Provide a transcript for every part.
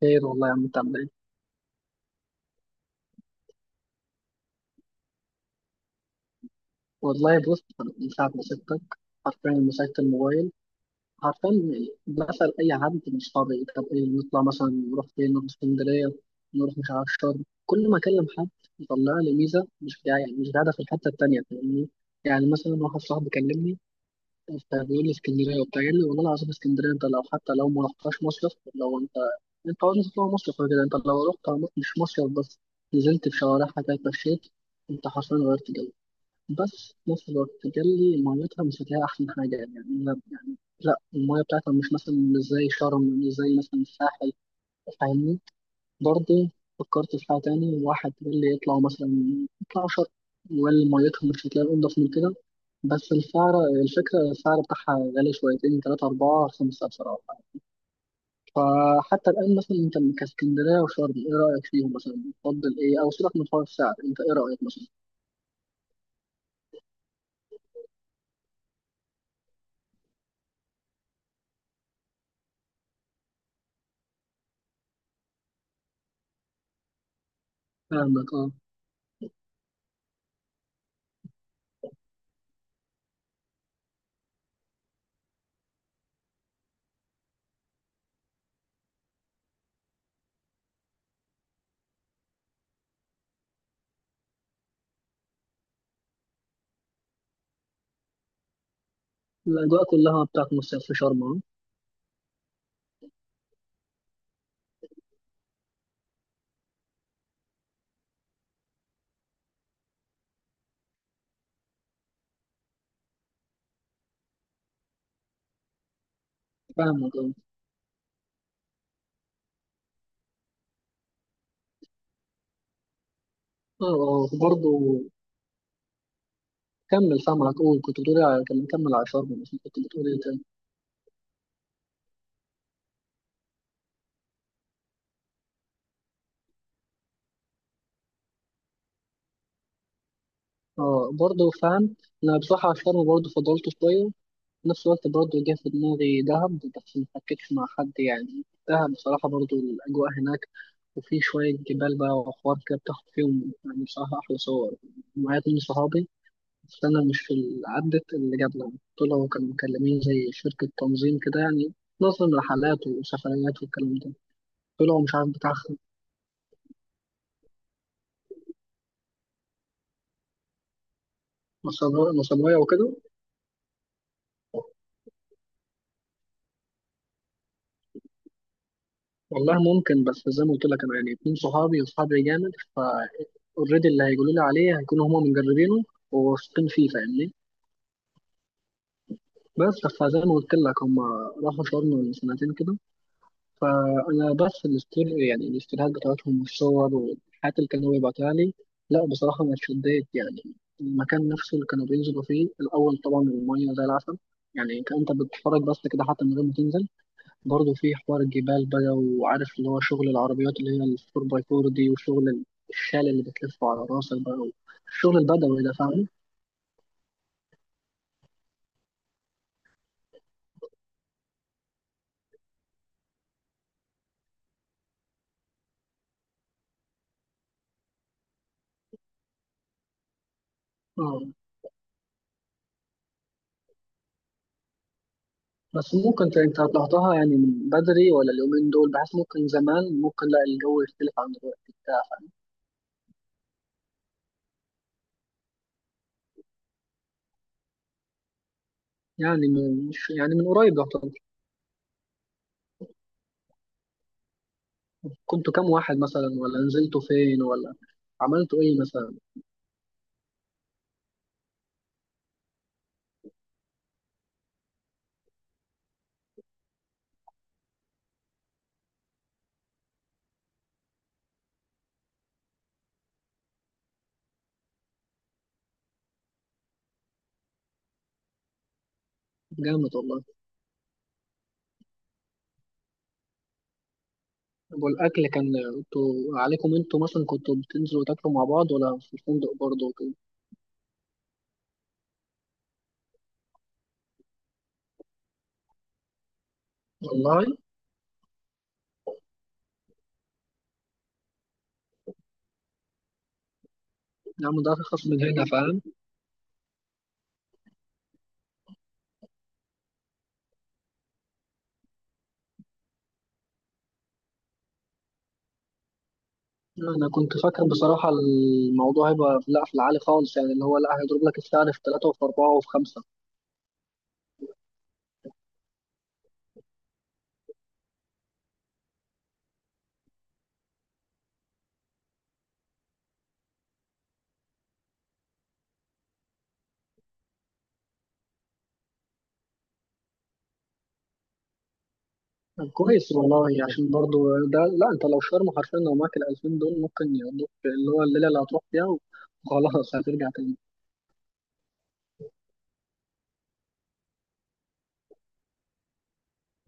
خير والله يا عم، انت عامل ايه؟ والله بص، انا من ساعة ما سبتك، حرفيا لما مسكت الموبايل، حرفيا بسأل أي حد من صحابي، طب ايه نطلع مثلا؟ نروح فين؟ نروح اسكندرية؟ نروح مش عارف شرم؟ كل ما أكلم حد يطلع لي ميزة مش جاية، يعني مش قاعدة في الحتة التانية، فاهمني؟ يعني مثلا واحد صاحبي كلمني، فبيقول لي اسكندرية وبتاع. قال لي والله العظيم اسكندرية انت لو حتى لو ما رحتهاش مصيف، لو انت عاوز تطلع مصيف كده، انت لو رحت مش مصيف بس نزلت في شوارعها كده، اتمشيت، انت حرفيا غيرت جو. بس في نفس الوقت قال لي ميتها مش هتلاقي أحسن حاجة. يعني يعني لا، المية بتاعتها مش مثلا مش زي شرم، مش زي مثلا الساحل، فاهمني؟ برضه فكرت في حاجة تاني. واحد قال لي اطلعوا مثلا، اطلعوا شرم. وقال لي ميتها مش هتلاقي أنضف من كده، بس السعر، الفكرة السعر بتاعها غالي شويتين، تلاتة أربعة خمسة بصراحة. فحتى الآن مثلا أنت كاسكندرية وشرم، إيه رأيك فيهم مثلا؟ تفضل إيه؟ أو سيبك من حوار السعر، أنت إيه رأيك مثلا؟ فاهمك، أه. الأجواء كلها بتاعت مصيف في شرم أهو. فاهمك، اه. اه، آه، برضه. كمل، فاهم على طول. كنت بتقولي على، كان كمل على شرم، مش كنت بتقولي ايه تاني؟ اه، برضه فاهم. انا بصراحة على شرم برضه فضلت شوية. في نفس الوقت برضه جه في دماغي دهب، بس ما حكيتش مع حد. يعني دهب بصراحة برضه الأجواء هناك، وفي شوية جبال بقى وحوار كده، بتاخد فيهم يعني بصراحة أحلى صور. معايا اتنين صحابي، بس أنا مش في عدت اللي جابنا. دول هو كانوا مكلمين زي شركة تنظيم كده، يعني نظم رحلات وسفريات والكلام ده. طلعوا مش عارف بتاع، نصبراية نصبراية وكده. والله ممكن، بس زي ما قلت لك انا يعني اتنين صحابي، وصحابي جامد. ف اوريدي اللي هيقولوا لي عليه هيكونوا هما مجربينه وواثقين فيه، فاهمني؟ بس فزي ما قلت لك، هما راحوا شرم من سنتين كده. فانا بس الاستور، يعني الاستوريات بتاعتهم والصور والحاجات اللي كانوا بيبعتوها لي، لا بصراحة انا اتشديت يعني. المكان نفسه اللي كانوا بينزلوا فيه الاول، طبعا المية زي العسل، يعني كأنت بتتفرج بس كده حتى من غير ما تنزل. برضه في حوار الجبال بقى، وعارف اللي هو شغل العربيات اللي هي الفور باي فور دي، وشغل الشال اللي بتلفه على راسك بقى، الشغل البدوي ده، فاهم؟ اه. بس ممكن انت طلعتها يعني من بدري ولا اليومين دول؟ بحس ممكن زمان ممكن لا، الجو يختلف عن دلوقتي بتاع. يعني من، مش يعني من قريب يعتبر. كنتوا كام واحد مثلا؟ ولا نزلتوا فين؟ ولا عملتوا ايه مثلا؟ جامد والله. طب والاكل كان، انتوا عليكم، انتوا مثلا كنتوا بتنزلوا تاكلوا مع بعض، ولا في الفندق برضه وكده؟ والله يا عم ده أرخص من هنا، فاهم. أنا كنت فاكر بصراحة الموضوع هيبقى لا في العالي خالص، يعني اللي هو لا، هيضرب لك السعر في ثلاثة وفي أربعة وفي خمسة. طب كويس والله، يعني عشان برضو ده. لا أنت لو شرم حرفيا، لو معاك الألفين دول ممكن يقضوك اللي هو الليلة اللي هتروح فيها، وخلاص هترجع تاني.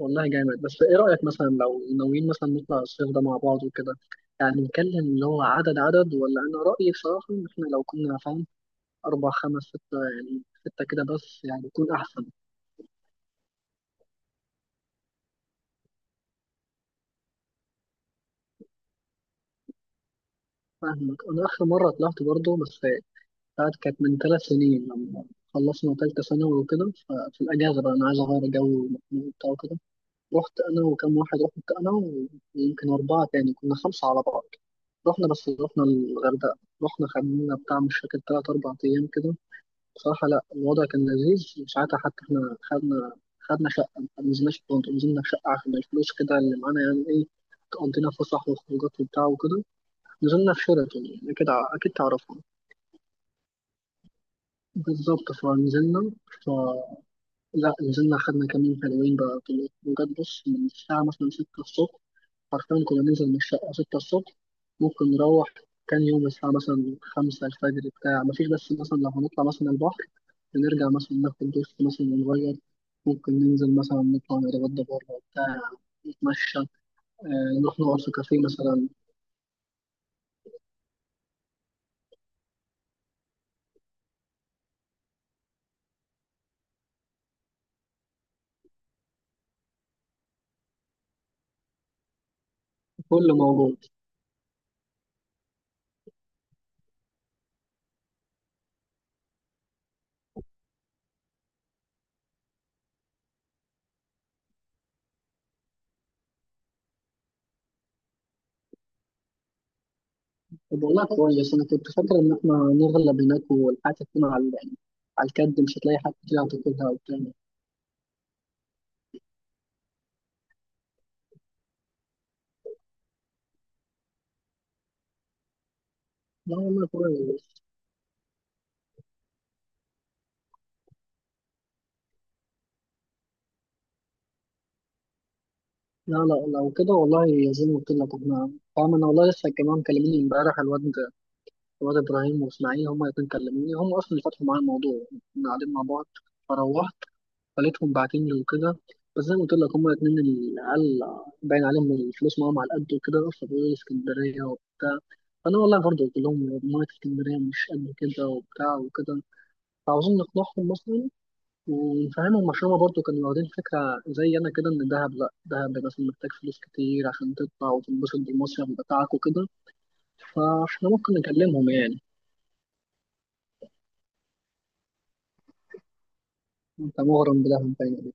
والله جامد. بس إيه رأيك مثلا لو ناويين مثلا نطلع الصيف ده مع بعض وكده، يعني نتكلم اللي هو عدد، عدد. ولا أنا رأيي بصراحة إن إحنا لو كنا، فاهم، أربع خمس ستة، يعني ستة كده بس يعني يكون أحسن. فاهمك. أنا آخر مرة طلعت برضه، بس بتاعت كانت من 3 سنين، لما خلصنا تالتة ثانوي وكده. ففي الأجازة بقى أنا عايز أغير جو ومخنوق وبتاع وكده، رحت أنا وكم واحد. رحت أنا ويمكن أربعة تاني، كنا خمسة على بعض. رحنا، بس رحنا الغردقة. رحنا خدنا بتاع، مش فاكر 3 أو 4 أيام كده. بصراحة لأ الوضع كان لذيذ. وساعتها حتى إحنا خدنا شقة. ما نزلناش في فندق، نزلنا في شقة عشان الفلوس كده اللي معانا يعني. إيه، تقضينا فسح وخروجات وبتاع وكده. نزلنا في شيراتون، يعني أكيد أكيد تعرفهم. بالظبط. فنزلنا، ف لا نزلنا، خدنا كمين حلوين بقى، في بجد بص من الساعة مثلا ستة الصبح، حرفيا كنا ننزل من الشقة ستة الصبح. ممكن نروح، كان يوم الساعة مثلا خمسة الفجر بتاع مفيش. بس مثلا لو هنطلع مثلا البحر، بنرجع مثلا ناخد دش مثلا ونغير. ممكن ننزل مثلا نطلع نتغدى بره بتاع، نتمشى، آه، نروح نقعد في كافيه مثلا. كل موجود. طب والله كويس، انا كنت فاكر ان احنا نغلب هناك والحياة تكون على يعني، على الكد، مش هتلاقي حد كده هتاخدها وبتاع. لا والله كويس. لا لا، لو كده والله زي ما قلت لك احنا، فاهم، انا والله لسه كمان مكلميني امبارح الواد ابراهيم واسماعيل، هما الاتنين كلموني. هم اصلا اللي فتحوا معايا الموضوع، كنا قاعدين مع بعض. فروحت، خليتهم باعتين لي وكده. بس زي ما قلت لك هما الاتنين العيال باين عليهم من الفلوس معاهم على قد، وكده فبيقولوا لي اسكندرية وبتاع. فأنا والله برضه قلت لهم مية اسكندرية مش قد كده وبتاع وكده. فعاوزين نقنعهم مثلا ونفهمهم، عشان هما برضه كانوا واخدين فكرة زي أنا كده، إن دهب، لأ دهب مثلا محتاج فلوس كتير عشان تطلع وتنبسط بالمصيف بتاعك وكده. فاحنا ممكن نكلمهم يعني. أنت مغرم بدهب باين عليك.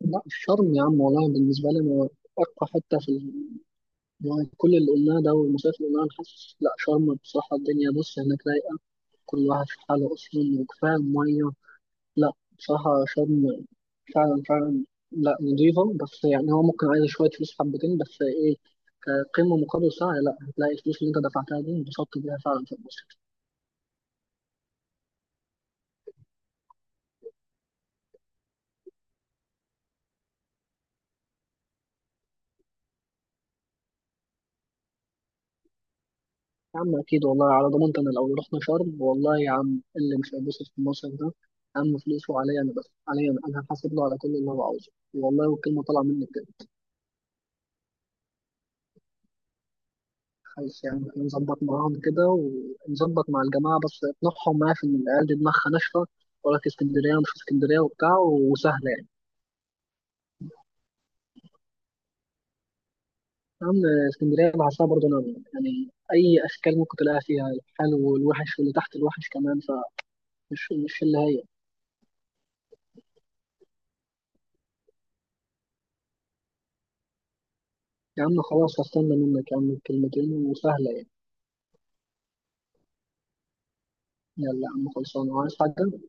لا الشرم يا عم، والله بالنسبة لي أرقى حتة في، يعني كل اللي قلناه ده والمصايف اللي قلناها، أنا حاسس لأ شرم بصراحة. الدنيا بص هناك رايقة، كل واحد في حاله أصلا، وكفاية المية. لأ بصراحة شرم فعلا فعلا، لأ نضيفة. بس يعني هو ممكن عايز شوية فلوس حبتين، بس إيه كقيمة مقابل سعر؟ لأ، هتلاقي الفلوس اللي أنت دفعتها دي انبسطت بيها فعلا في المصيف. يا عم أكيد، والله على ضمانتي أنا لو رحنا شرم، والله يا عم اللي مش هيتبسط في المصيف ده، يا عم فلوسه عليا أنا، بس عليا أنا، أنا هحاسب له على كل اللي هو عاوزه، والله، والكلمة طالعة مني بجد. خلاص يعني نظبط معاهم كده، ونظبط مع الجماعة. بس نطلعهم معايا في العيال دي دماغها ناشفة، ولا في اسكندرية ومش في اسكندرية وبتاع، وسهلة يعني. أهم. اسكندرية بحسها برضه نار، يعني أي أشكال ممكن تلاقيها فيها، الحلو والوحش، واللي تحت الوحش كمان. فمش مش اللي هي. يا عم خلاص هستنى منك يا عم الكلمتين، وسهلة يعني. يلا يا عم، خلصانة. وعايز حاجة؟